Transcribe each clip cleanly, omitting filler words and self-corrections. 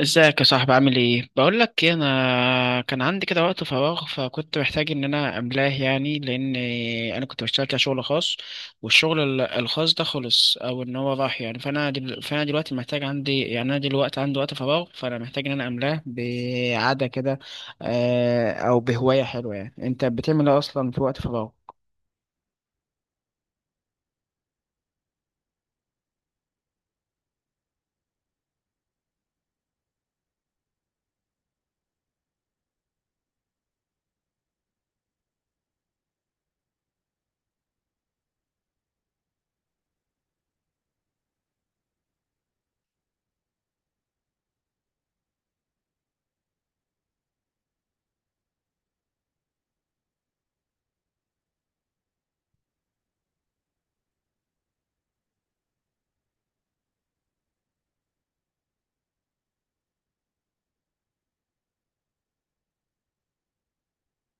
ازيك يا صاحبي؟ عامل ايه؟ بقول لك ايه، انا كان عندي كده وقت فراغ، فكنت محتاج ان انا املاه يعني، لان انا كنت بشتغل كده شغل خاص، والشغل الخاص ده خلص او ان هو راح يعني. فانا دلوقتي محتاج، عندي، يعني انا دلوقتي عندي وقت فراغ، فانا محتاج ان انا املاه بعادة كده، او بهواية حلوة. يعني انت بتعمل ايه اصلا في وقت فراغ؟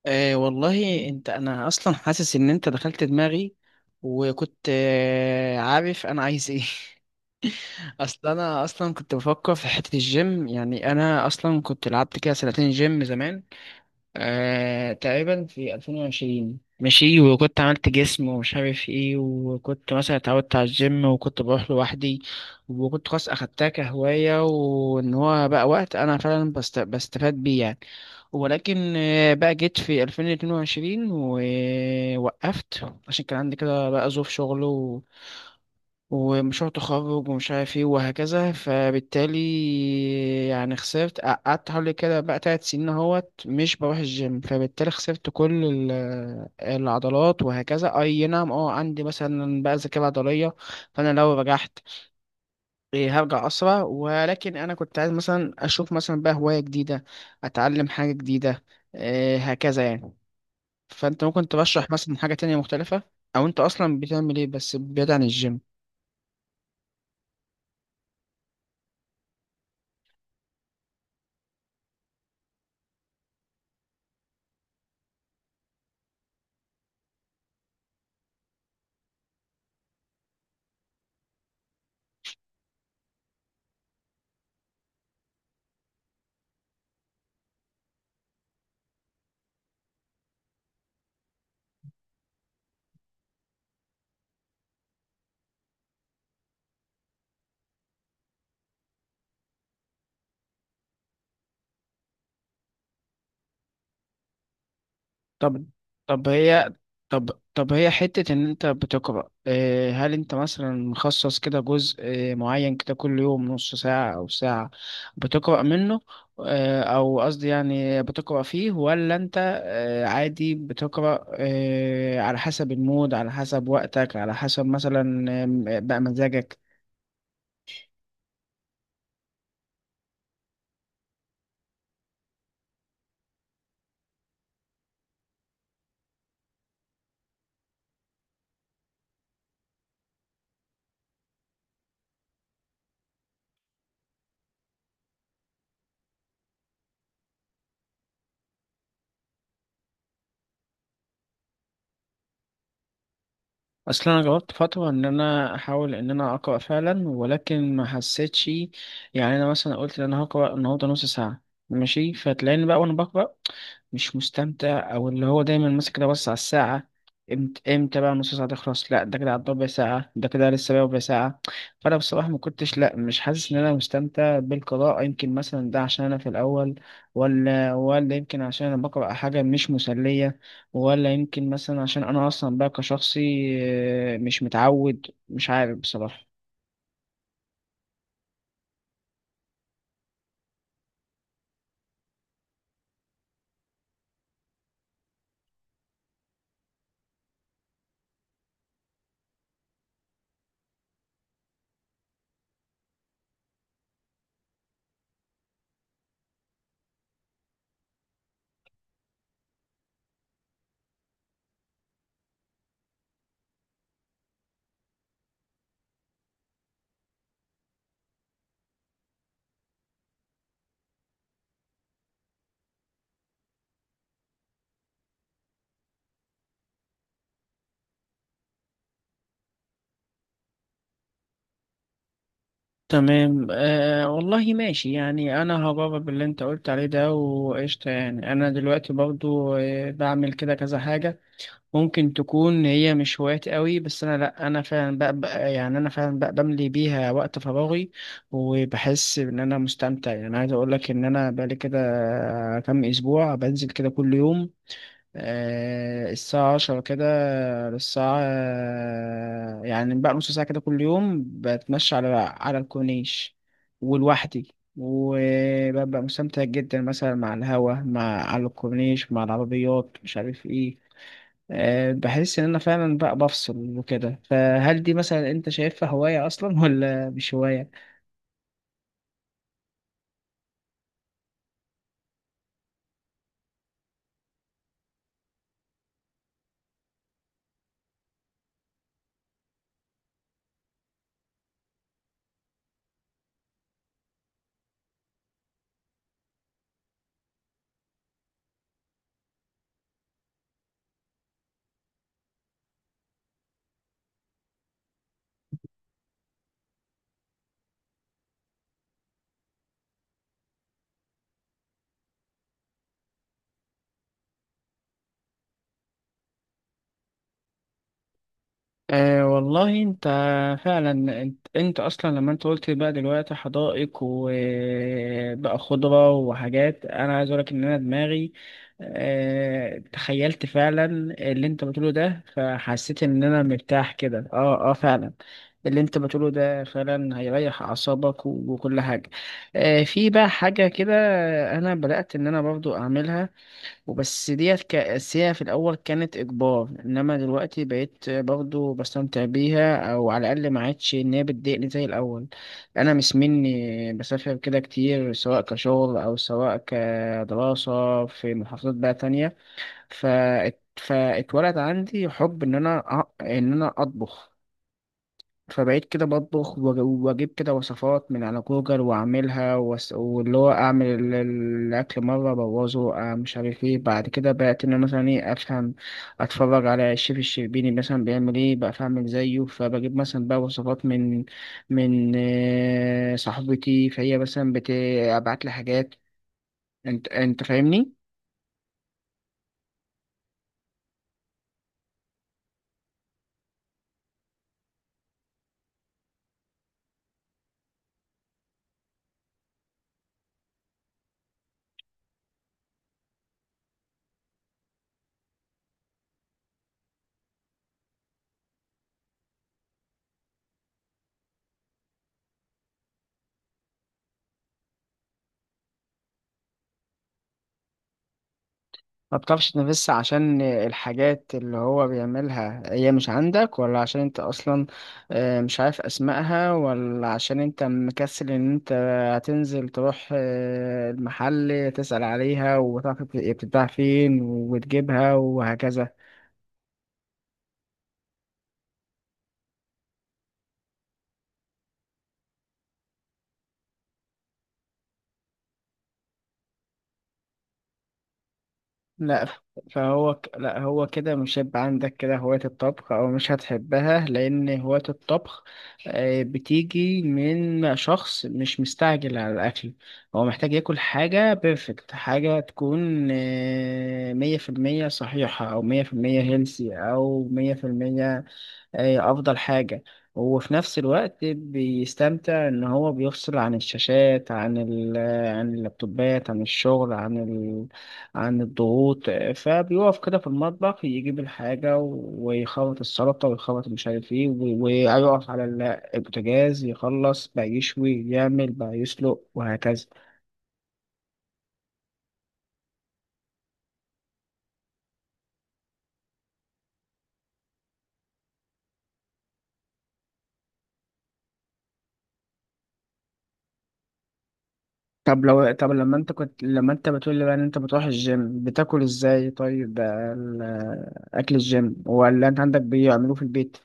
آه والله، انت انا اصلا حاسس ان انت دخلت دماغي، وكنت عارف انا عايز ايه اصل انا اصلا كنت بفكر في حته الجيم، يعني انا اصلا كنت لعبت كده سنتين جيم زمان، تقريبا في 2020. ماشي، وكنت عملت جسم ومش عارف ايه، وكنت مثلا اتعودت على الجيم، وكنت بروح لوحدي، وكنت خلاص اخدتها كهوايه، وان هو بقى وقت انا فعلا بستفاد بيه يعني. ولكن بقى جيت في 2022 ووقفت، عشان كان عندي كده بقى ظروف شغل ومشروع تخرج ومش عارف ايه وهكذا. فبالتالي يعني خسرت، قعدت حوالي كده بقى تلات سنين اهوت مش بروح الجيم، فبالتالي خسرت كل العضلات وهكذا. اي نعم، عندي مثلا بقى ذاكرة عضلية، فانا لو رجعت، إيه، هرجع اسرع، ولكن انا كنت عايز مثلا اشوف مثلا بقى هواية جديدة، اتعلم حاجة جديدة، إيه، هكذا يعني. فانت ممكن ترشح مثلا حاجة تانية مختلفة، او انت اصلا بتعمل ايه بس بعيد عن الجيم؟ طب طب هي طب هي حتة إن أنت بتقرأ، هل أنت مثلا مخصص كده جزء معين كده كل يوم نص ساعة أو ساعة بتقرأ منه؟ أو قصدي يعني بتقرأ فيه، ولا أنت عادي بتقرأ على حسب المود، على حسب وقتك، على حسب مثلا بقى مزاجك؟ اصل انا جربت فتره ان انا احاول ان انا اقرا فعلا، ولكن ما حسيتش. يعني انا مثلا قلت ان انا هقرا النهارده نص ساعه ماشي، فتلاقيني بقى وانا بقرا مش مستمتع، او اللي هو دايما ماسك ده بص على الساعه امتى امتى بقى نص ساعه تخلص، لا ده كده عدى ربع ساعه، ده كده لسه بقى ربع ساعه. فانا بصراحه ما كنتش، لا مش حاسس ان انا مستمتع بالقراءه. يمكن مثلا ده عشان انا في الاول، ولا يمكن عشان انا بقرا حاجه مش مسليه، ولا يمكن مثلا عشان انا اصلا بقى كشخصي، مش متعود، مش عارف بصراحة. تمام، آه والله ماشي. يعني انا هجرب باللي انت قلت عليه ده، وقشطة. يعني انا دلوقتي برضو بعمل كده كذا حاجة، ممكن تكون هي مش هوايات قوي، بس انا، لا انا فعلا بقى يعني انا فعلا بقى بملي بيها وقت فراغي، وبحس ان انا مستمتع. يعني عايز اقول لك ان انا بقالي كده كام اسبوع بنزل كده كل يوم، الساعة عشرة كده الساعة، يعني بقى نص ساعة كده كل يوم، بتمشى على الكورنيش ولوحدي، وببقى مستمتع جدا، مثلا مع الهوا، مع على الكورنيش، مع العربيات، مش عارف ايه. بحس ان انا فعلا بقى بفصل وكده. فهل دي مثلا انت شايفها هواية اصلا ولا مش هواية؟ أه والله انت فعلا. انت اصلا لما انت قلت بقى دلوقتي حدائق وبقى خضرة وحاجات، انا عايز اقولك ان انا دماغي تخيلت فعلا اللي انت بتقوله ده، فحسيت ان انا مرتاح كده، فعلا اللي انت بتقوله ده فعلا هيريح اعصابك وكل حاجة. أه، في بقى حاجة كده انا بدأت ان انا برضو اعملها، وبس ديت كأساسية في الأول كانت إجبار، إنما دلوقتي بقيت برضو بستمتع بيها، أو على الأقل ما عادش إن هي بتضايقني زي الأول. أنا مش مني بسافر كده كتير، سواء كشغل أو سواء كدراسة، في محافظات بقى تانية، فاتولد عندي حب إن أنا أطبخ. فبقيت كده بطبخ واجيب كده وصفات من على جوجل واعملها، واللي هو اعمل الاكل مره ابوظه، مش عارف ايه، بعد كده بقيت ان أنا مثلا ايه افهم، اتفرج على الشيف الشربيني مثلا بيعمل ايه بقى فاعمل زيه، فبجيب مثلا بقى وصفات من صاحبتي، فهي مثلا بتبعت لي حاجات. انت فاهمني؟ ما بتعرفش تنافس عشان الحاجات اللي هو بيعملها هي مش عندك، ولا عشان انت اصلا مش عارف اسمائها، ولا عشان انت مكسل ان انت هتنزل تروح المحل تسأل عليها، وتعرف هي بتتباع فين وتجيبها وهكذا؟ لا ف- فهو ك- لا هو كده مش هيبقى عندك كده هواية الطبخ، أو مش هتحبها، لأن هواية الطبخ بتيجي من شخص مش مستعجل على الأكل. هو محتاج ياكل حاجة بيرفكت، حاجة تكون مية في المية صحيحة، أو مية في المية هيلسي، أو مية في المية هي افضل حاجة. وفي نفس الوقت بيستمتع ان هو بيفصل عن الشاشات، عن اللابتوبات، عن الشغل، عن الضغوط، فبيقف كده في المطبخ، يجيب الحاجة ويخلط السلطة ويخلط مش عارف ايه ويقف على البوتاجاز، يخلص بقى يشوي يعمل بقى يسلق وهكذا. طب لو طب لما انت كنت لما انت بتقول لي بقى ان انت بتروح الجيم، بتاكل ازاي؟ طيب بقى اكل الجيم، ولا انت عندك بيعملوه في البيت؟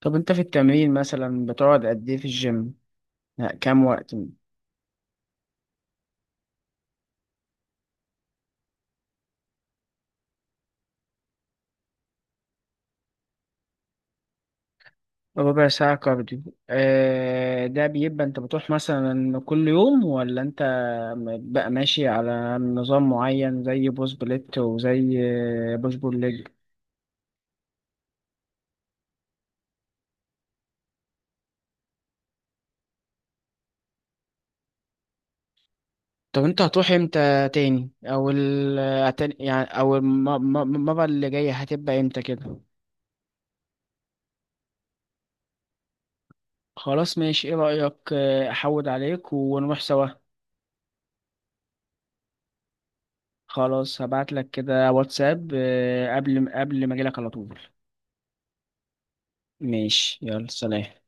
طب انت في التمرين مثلا بتقعد قد ايه في الجيم؟ لا، كام وقت؟ ربع ساعة كارديو. ده بيبقى انت بتروح مثلا كل يوم، ولا انت بقى ماشي على نظام معين زي بوش بليت، وزي بوش بول ليج؟ طب انت هتروح امتى تاني، او يعني او المرة اللي جاية هتبقى امتى كده؟ خلاص ماشي، ايه رأيك احود عليك ونروح سوا؟ خلاص هبعت لك كده واتساب، قبل ما اجيلك على طول. ماشي، يلا سلام.